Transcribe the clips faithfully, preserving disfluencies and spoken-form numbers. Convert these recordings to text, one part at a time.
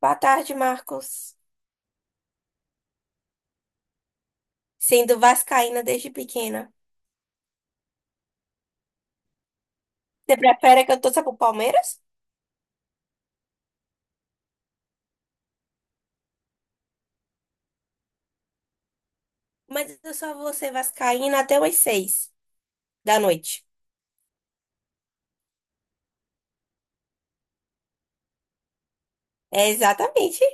Boa tarde, Marcos. Sendo vascaína desde pequena. Você prefere que eu torça pro Palmeiras? Mas eu só vou ser vascaína até umas seis da noite. É, exatamente.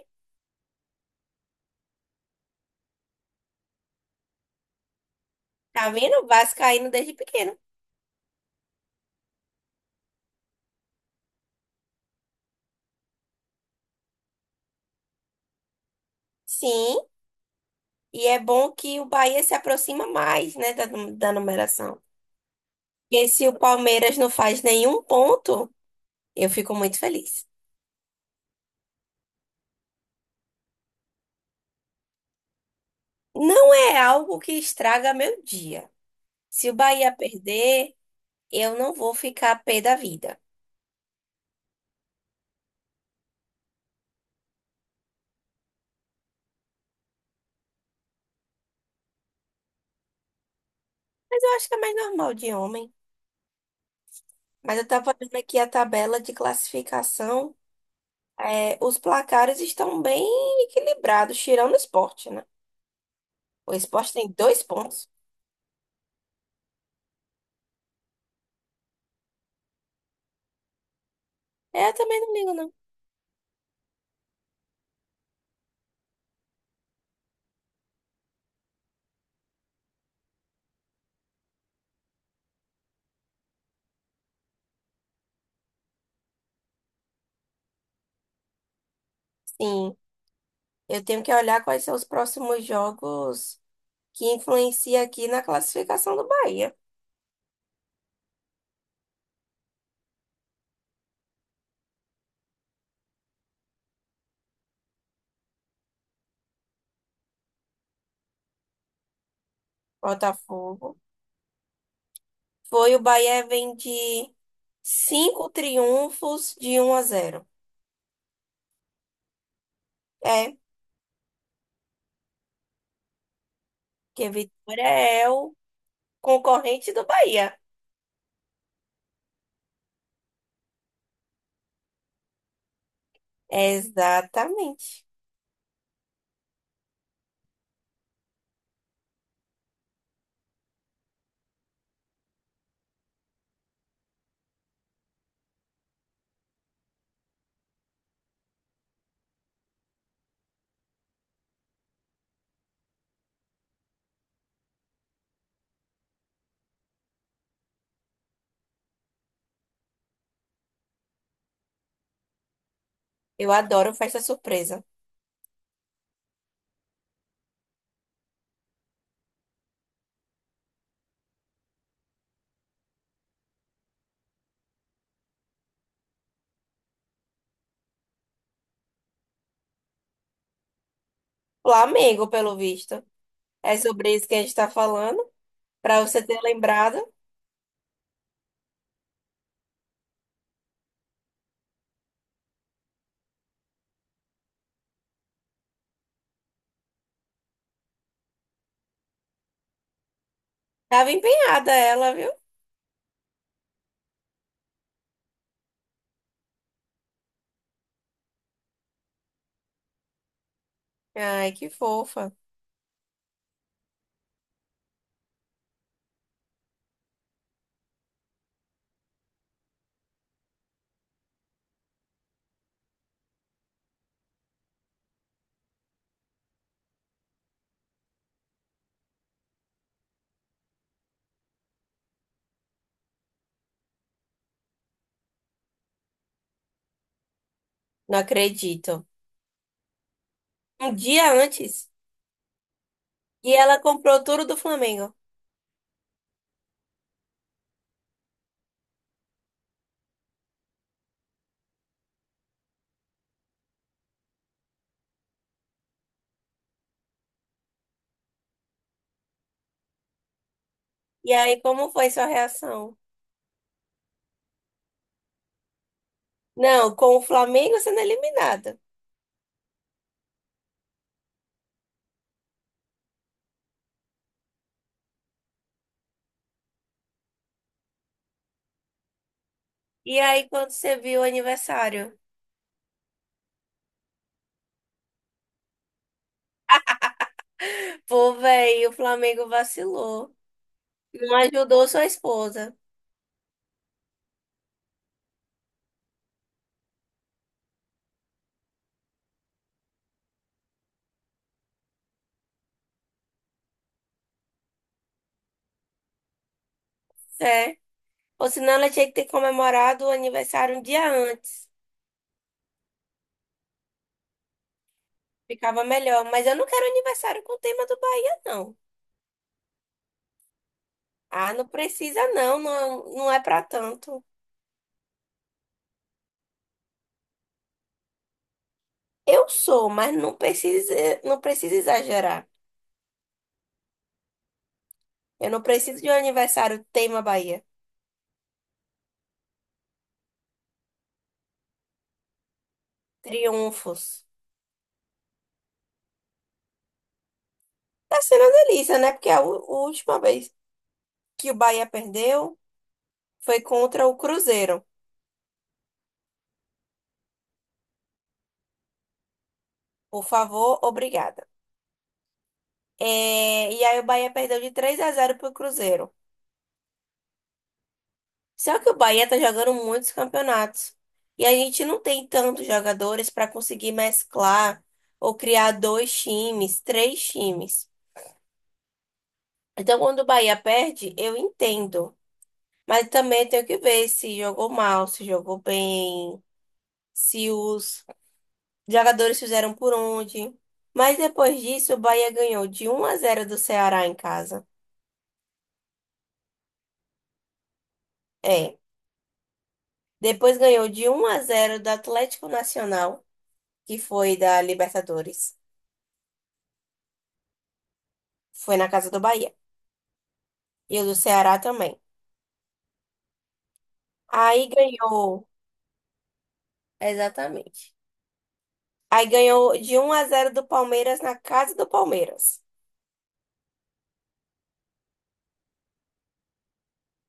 Tá vendo? Vascaíno desde pequeno. Sim, e é bom que o Bahia se aproxima mais, né, da, da numeração. Porque se o Palmeiras não faz nenhum ponto, eu fico muito feliz. Não é algo que estraga meu dia. Se o Bahia perder, eu não vou ficar pé da vida. Mas eu acho que é mais normal de homem. Mas eu tava vendo aqui a tabela de classificação. É, os placares estão bem equilibrados, tirando o esporte, né? O esporte tem dois pontos. É, eu também não ligo, não. Sim, eu tenho que olhar quais são os próximos jogos que influenciam aqui na classificação do Bahia. Botafogo. Foi o Bahia, vem de cinco triunfos de um a zero. É, porque Vitória é o concorrente do Bahia. Exatamente. Eu adoro festa surpresa. Flamengo, pelo visto. É sobre isso que a gente tá falando. Pra você ter lembrado. Tava empenhada ela, viu? Ai, que fofa. Não acredito. Um dia antes. E ela comprou tudo do Flamengo. E aí, como foi sua reação? Não, com o Flamengo sendo eliminado. E aí, quando você viu o aniversário? Pô, velho, o Flamengo vacilou. Não ajudou sua esposa, é. Ou senão ela tinha que ter comemorado o aniversário um dia antes. Ficava melhor. Mas eu não quero aniversário com o tema do Bahia, não. Ah, não precisa, não. Não, não é pra tanto. Eu sou, mas não precisa, não precisa exagerar. Eu não preciso de um aniversário tema Bahia. Triunfos. Tá sendo uma delícia, né? Porque a u- última vez que o Bahia perdeu foi contra o Cruzeiro. Por favor, obrigada. É, e aí o Bahia perdeu de três a zero pro Cruzeiro. Só que o Bahia tá jogando muitos campeonatos. E a gente não tem tantos jogadores para conseguir mesclar ou criar dois times, três times. Então, quando o Bahia perde, eu entendo. Mas também tenho que ver se jogou mal, se jogou bem, se os jogadores fizeram por onde. Mas depois disso, o Bahia ganhou de um a zero do Ceará em casa. É. Depois ganhou de um a zero do Atlético Nacional, que foi da Libertadores. Foi na casa do Bahia. E o do Ceará também. Aí ganhou. Exatamente. Aí ganhou de um a zero do Palmeiras na casa do Palmeiras.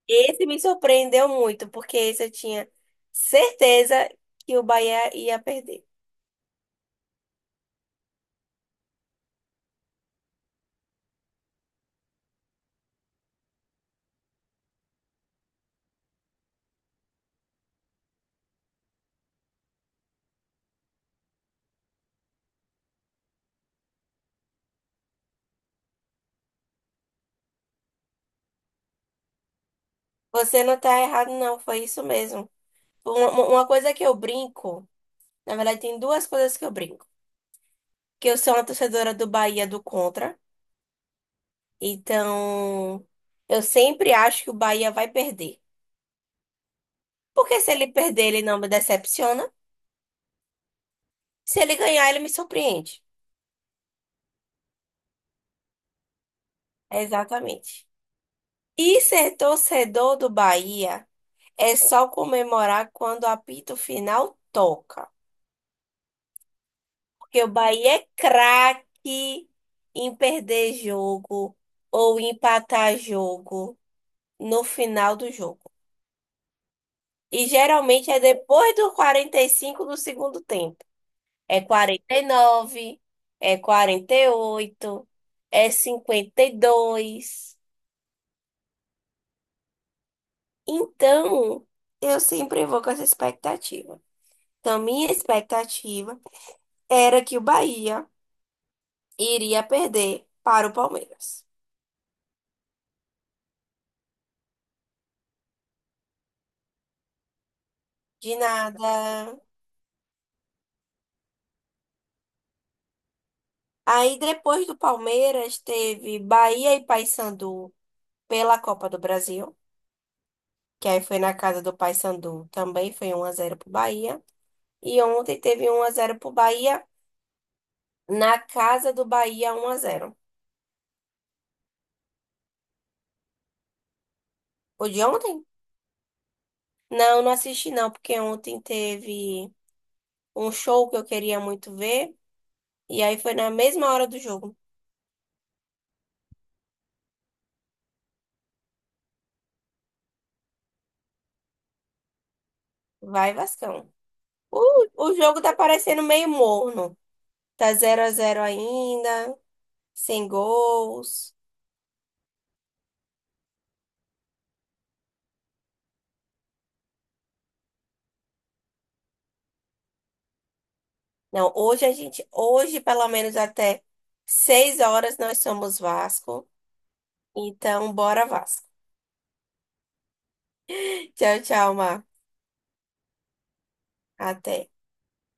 Esse me surpreendeu muito, porque esse eu tinha certeza que o Bahia ia perder. Você não tá errado, não. Foi isso mesmo. Uma, uma coisa que eu brinco, na verdade, tem duas coisas que eu brinco. Que eu sou uma torcedora do Bahia do contra. Então, eu sempre acho que o Bahia vai perder. Porque se ele perder, ele não me decepciona. Se ele ganhar, ele me surpreende. É, exatamente. E ser torcedor do Bahia é só comemorar quando o apito final toca. Porque o Bahia é craque em perder jogo ou empatar jogo no final do jogo. E geralmente é depois do quarenta e cinco do segundo tempo. É quarenta e nove, é quarenta e oito, é cinquenta e dois. Então, eu sempre vou com essa expectativa. Então, minha expectativa era que o Bahia iria perder para o Palmeiras. De nada. Aí, depois do Palmeiras, teve Bahia e Paysandu pela Copa do Brasil, que aí foi na casa do Paysandu, também foi um a zero pro Bahia. E ontem teve um a zero pro Bahia. Na casa do Bahia, um a zero. O de ontem? Não, não assisti não, porque ontem teve um show que eu queria muito ver. E aí foi na mesma hora do jogo. Vai, Vascão. O, o jogo tá parecendo meio morno. Tá zero a zero ainda, sem gols. Não, hoje a gente, hoje pelo menos até seis horas nós somos Vasco. Então, bora Vasco. Tchau, tchau, Mar. Até.